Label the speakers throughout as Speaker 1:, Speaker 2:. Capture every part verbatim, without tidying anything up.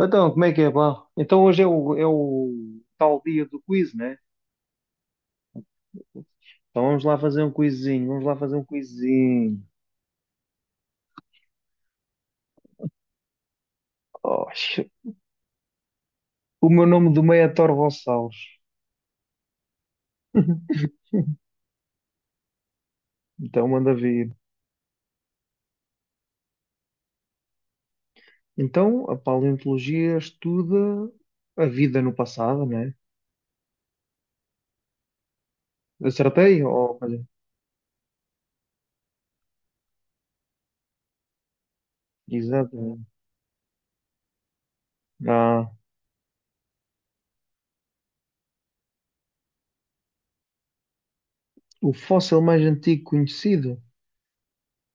Speaker 1: Então, como é que é, pá? Então hoje é o, é o tal dia do quiz, né? Então vamos lá fazer um quizinho, vamos lá fazer um quizinho. Oxe, o meu nome do meio é Thor. Então manda vir. Então, a paleontologia estuda a vida no passado, né? Acertei? Oh, olha, exato. Ah, o fóssil mais antigo conhecido?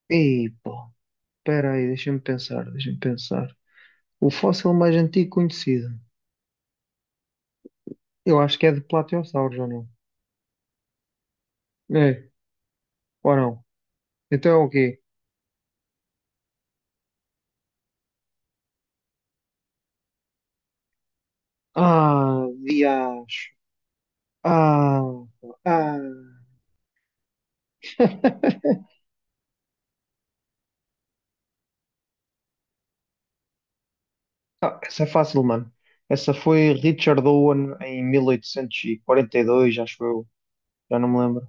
Speaker 1: Ei, pô, espera aí, deixa-me pensar, deixa-me pensar. O fóssil mais antigo conhecido? Eu acho que é de Plateossauros, ou não? É. Ou não? Então é o quê? Ah, diacho. Ah, ah. Ah, essa é fácil, mano. Essa foi Richard Owen em mil oitocentos e quarenta e dois, acho eu. Já não me lembro.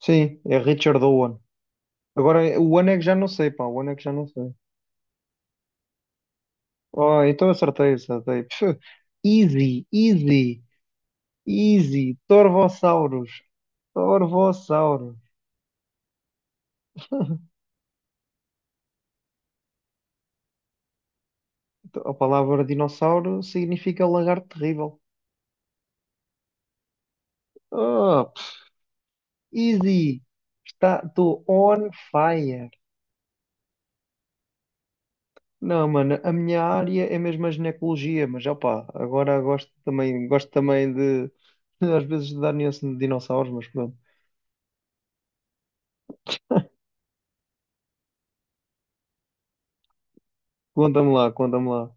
Speaker 1: Sim, é Richard Owen. Agora, o ano é que já não sei, pá. O ano é que já não sei. Oh, então acertei, acertei. Pff, Easy, easy, easy. Torvossauros. Torvossauros. A palavra dinossauro significa lagarto terrível. Ah, easy, está, estou on fire. Não, mano, a minha área é mesmo a ginecologia, mas opá, agora gosto também, gosto também de, às vezes, de dar nuance de dinossauros, mas pronto. Conta-me lá, conta-me lá.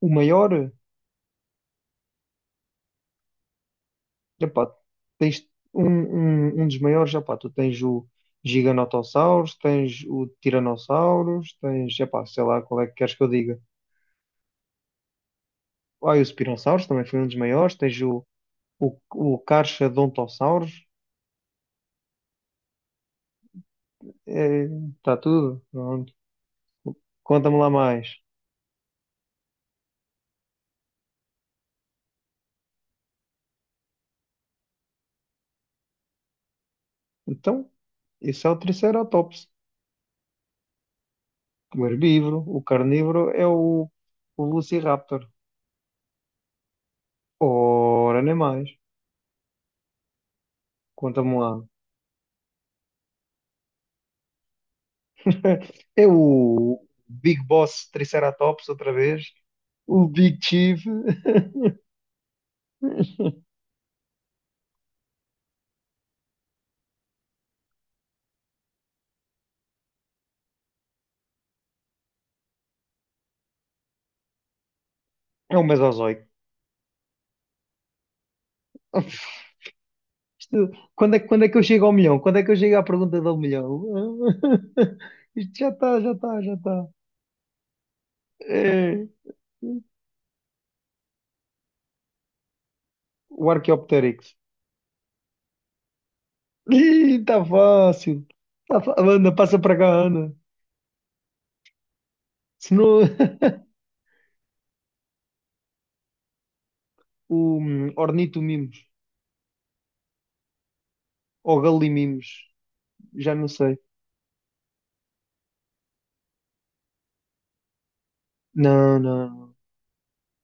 Speaker 1: O maior, epá, tens um, um, um dos maiores, epá, tu tens o Giganotossauros, tens o Tiranossauros, tens, epá, sei lá qual é que queres que eu diga. Ah, e o Spinossauros também foi um dos maiores, tens o, o, o está tudo. Pronto. Conta-me lá mais. Então, isso é o Triceratops. O herbívoro, o carnívoro é o, o Velociraptor. Ora, nem mais. Conta-me lá. É o Big Boss Triceratops outra vez. O Big Chief. É o Mesozoico. Isto, quando é, quando é que eu chego ao milhão? Quando é que eu chego à pergunta do milhão? Isto já está, já está, já está. É, o Archaeopteryx. Ih, tá fácil. Tá fa- Ana, passa para cá, Ana. Se não, o hum, Ornito Mimos. Ou Galimimos. Já não sei. Não, não.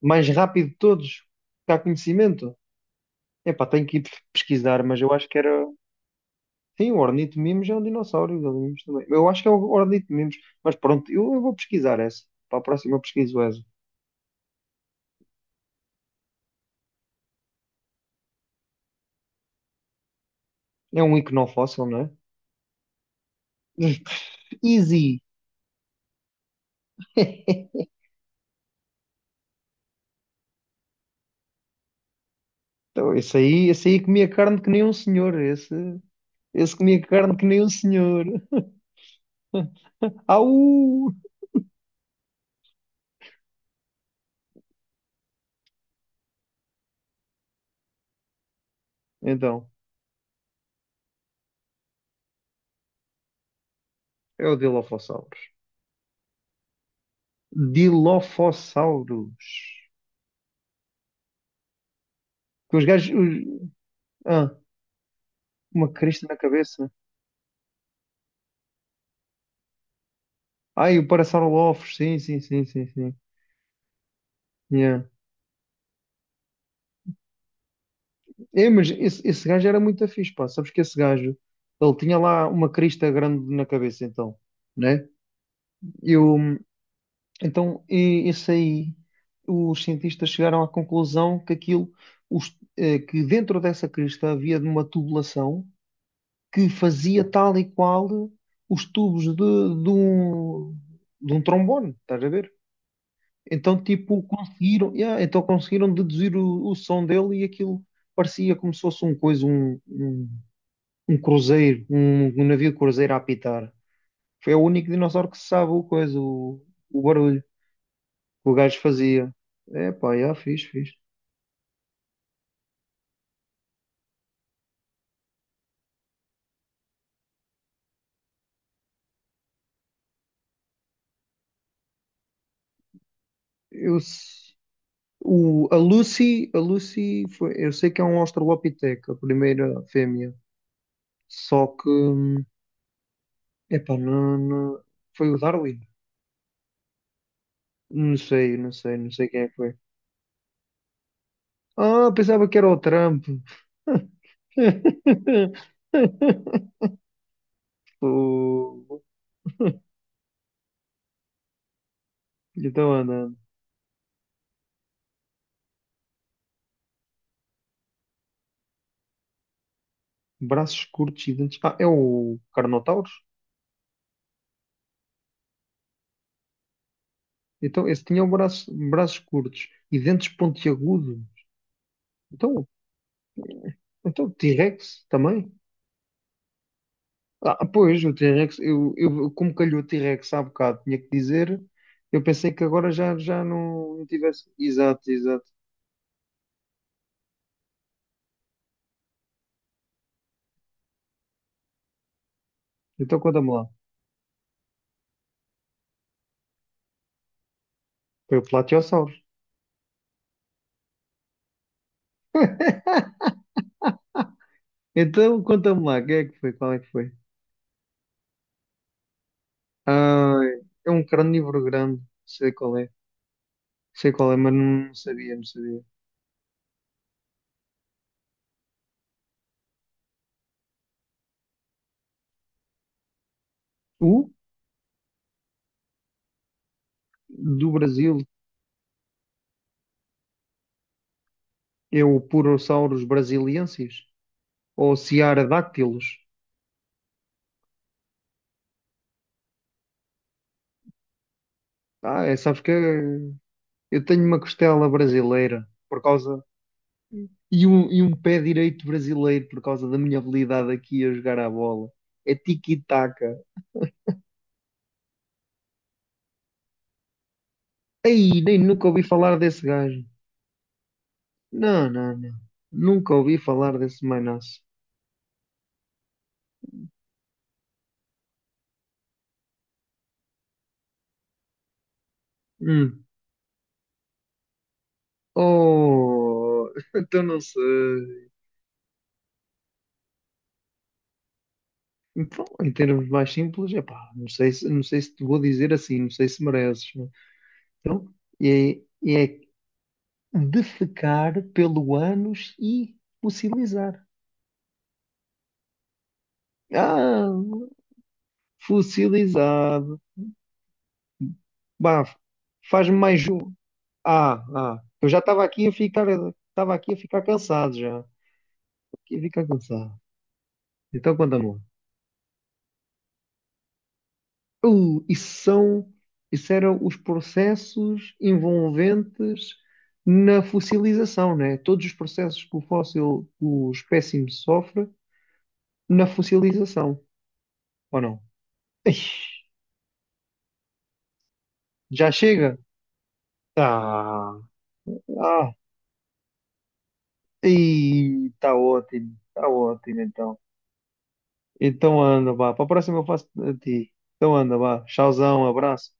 Speaker 1: Mais rápido de todos, que há conhecimento. Epá, tenho que ir pesquisar, mas eu acho que era. Sim, o Ornito Mimos é um dinossauro. O Galimimos também. Eu acho que é o Ornito Mimos. Mas pronto, eu, eu vou pesquisar essa. Para a próxima eu pesquiso essa. É um fóssil, não é? Easy. Então, esse aí, esse aí comia carne que nem um senhor. Esse. Esse comia carne que nem o senhor. Au! Então, é o Dilophosaurus. Dilophosaurus. Que os gajos. Os- Ah, uma crista na cabeça. Ai, o Parasaurolophus. Sim, sim, sim, sim, sim. Yeah. É, mas esse, esse gajo era muito fixe, pá. Sabes que esse gajo, ele tinha lá uma crista grande na cabeça, então, né? Eu, então, e- isso aí, os cientistas chegaram à conclusão que aquilo, os- eh, que dentro dessa crista havia de uma tubulação que fazia tal e qual os tubos de, de um, de um trombone, estás a ver? Então, tipo, conseguiram, yeah, então conseguiram deduzir o, o som dele e aquilo parecia como se fosse um coisa, um, um, um cruzeiro, um, um navio cruzeiro a apitar. Foi o único dinossauro que se sabe o coisa, o, o barulho o gajo fazia. É pá, já fiz, fiz. Eu, s- o, a Lucy, a Lucy foi, eu sei que é um Australopithec, a primeira fêmea. Só que, hum, é pá, não, não- foi o Darwin. Não sei, não sei, não sei quem é que foi. Ah, pensava que era o Trump. O... Então anda. Braços curtos e dentes. Ah, é o Carnotaurus? Então, esse tinha o braço, braços curtos e dentes pontiagudos. Então, então, T-Rex também? Ah, pois, o T-Rex, eu, eu, como calhou o T-Rex há bocado, tinha que dizer, eu pensei que agora já, já não, não tivesse. Exato, exato. Então, conta-me lá. Foi o Platiossauros. Então, conta-me lá, quem é que foi? Qual é que foi? Ah, é um carnívoro grande, sei qual é. Sei qual é, mas não sabia, não sabia. O do Brasil é o Purossauros brasiliensis? Ou Cearodactylus? Ah, é, sabes que é. Eu tenho uma costela brasileira por causa e um, e um pé direito brasileiro por causa da minha habilidade aqui a jogar à bola. É tiki-taka. Ei, nem nunca ouvi falar desse gajo. Não, não, não. Nunca ouvi falar desse mainaço. Hum. Oh, então não sei. Então, em termos mais simples, epá, não sei se, não sei se te vou dizer assim, não sei se mereces, né? Então, é, é defecar pelo ânus e fossilizar. Ah, fossilizado. Bah, faz-me mais um. Ah, ah. Eu já estava aqui a ficar, estava aqui a ficar cansado já. Aqui a ficar cansado. Então conta-me lá. Uh, isso são, isso eram os processos envolventes na fossilização, né? Todos os processos que o fóssil, o espécime sofre na fossilização, ou não? Ai, já chega? Tá. Ah, está ótimo, está ótimo então. Então anda, vá. Para a próxima eu faço a ti. Então anda, vá. Tchauzão, abraço.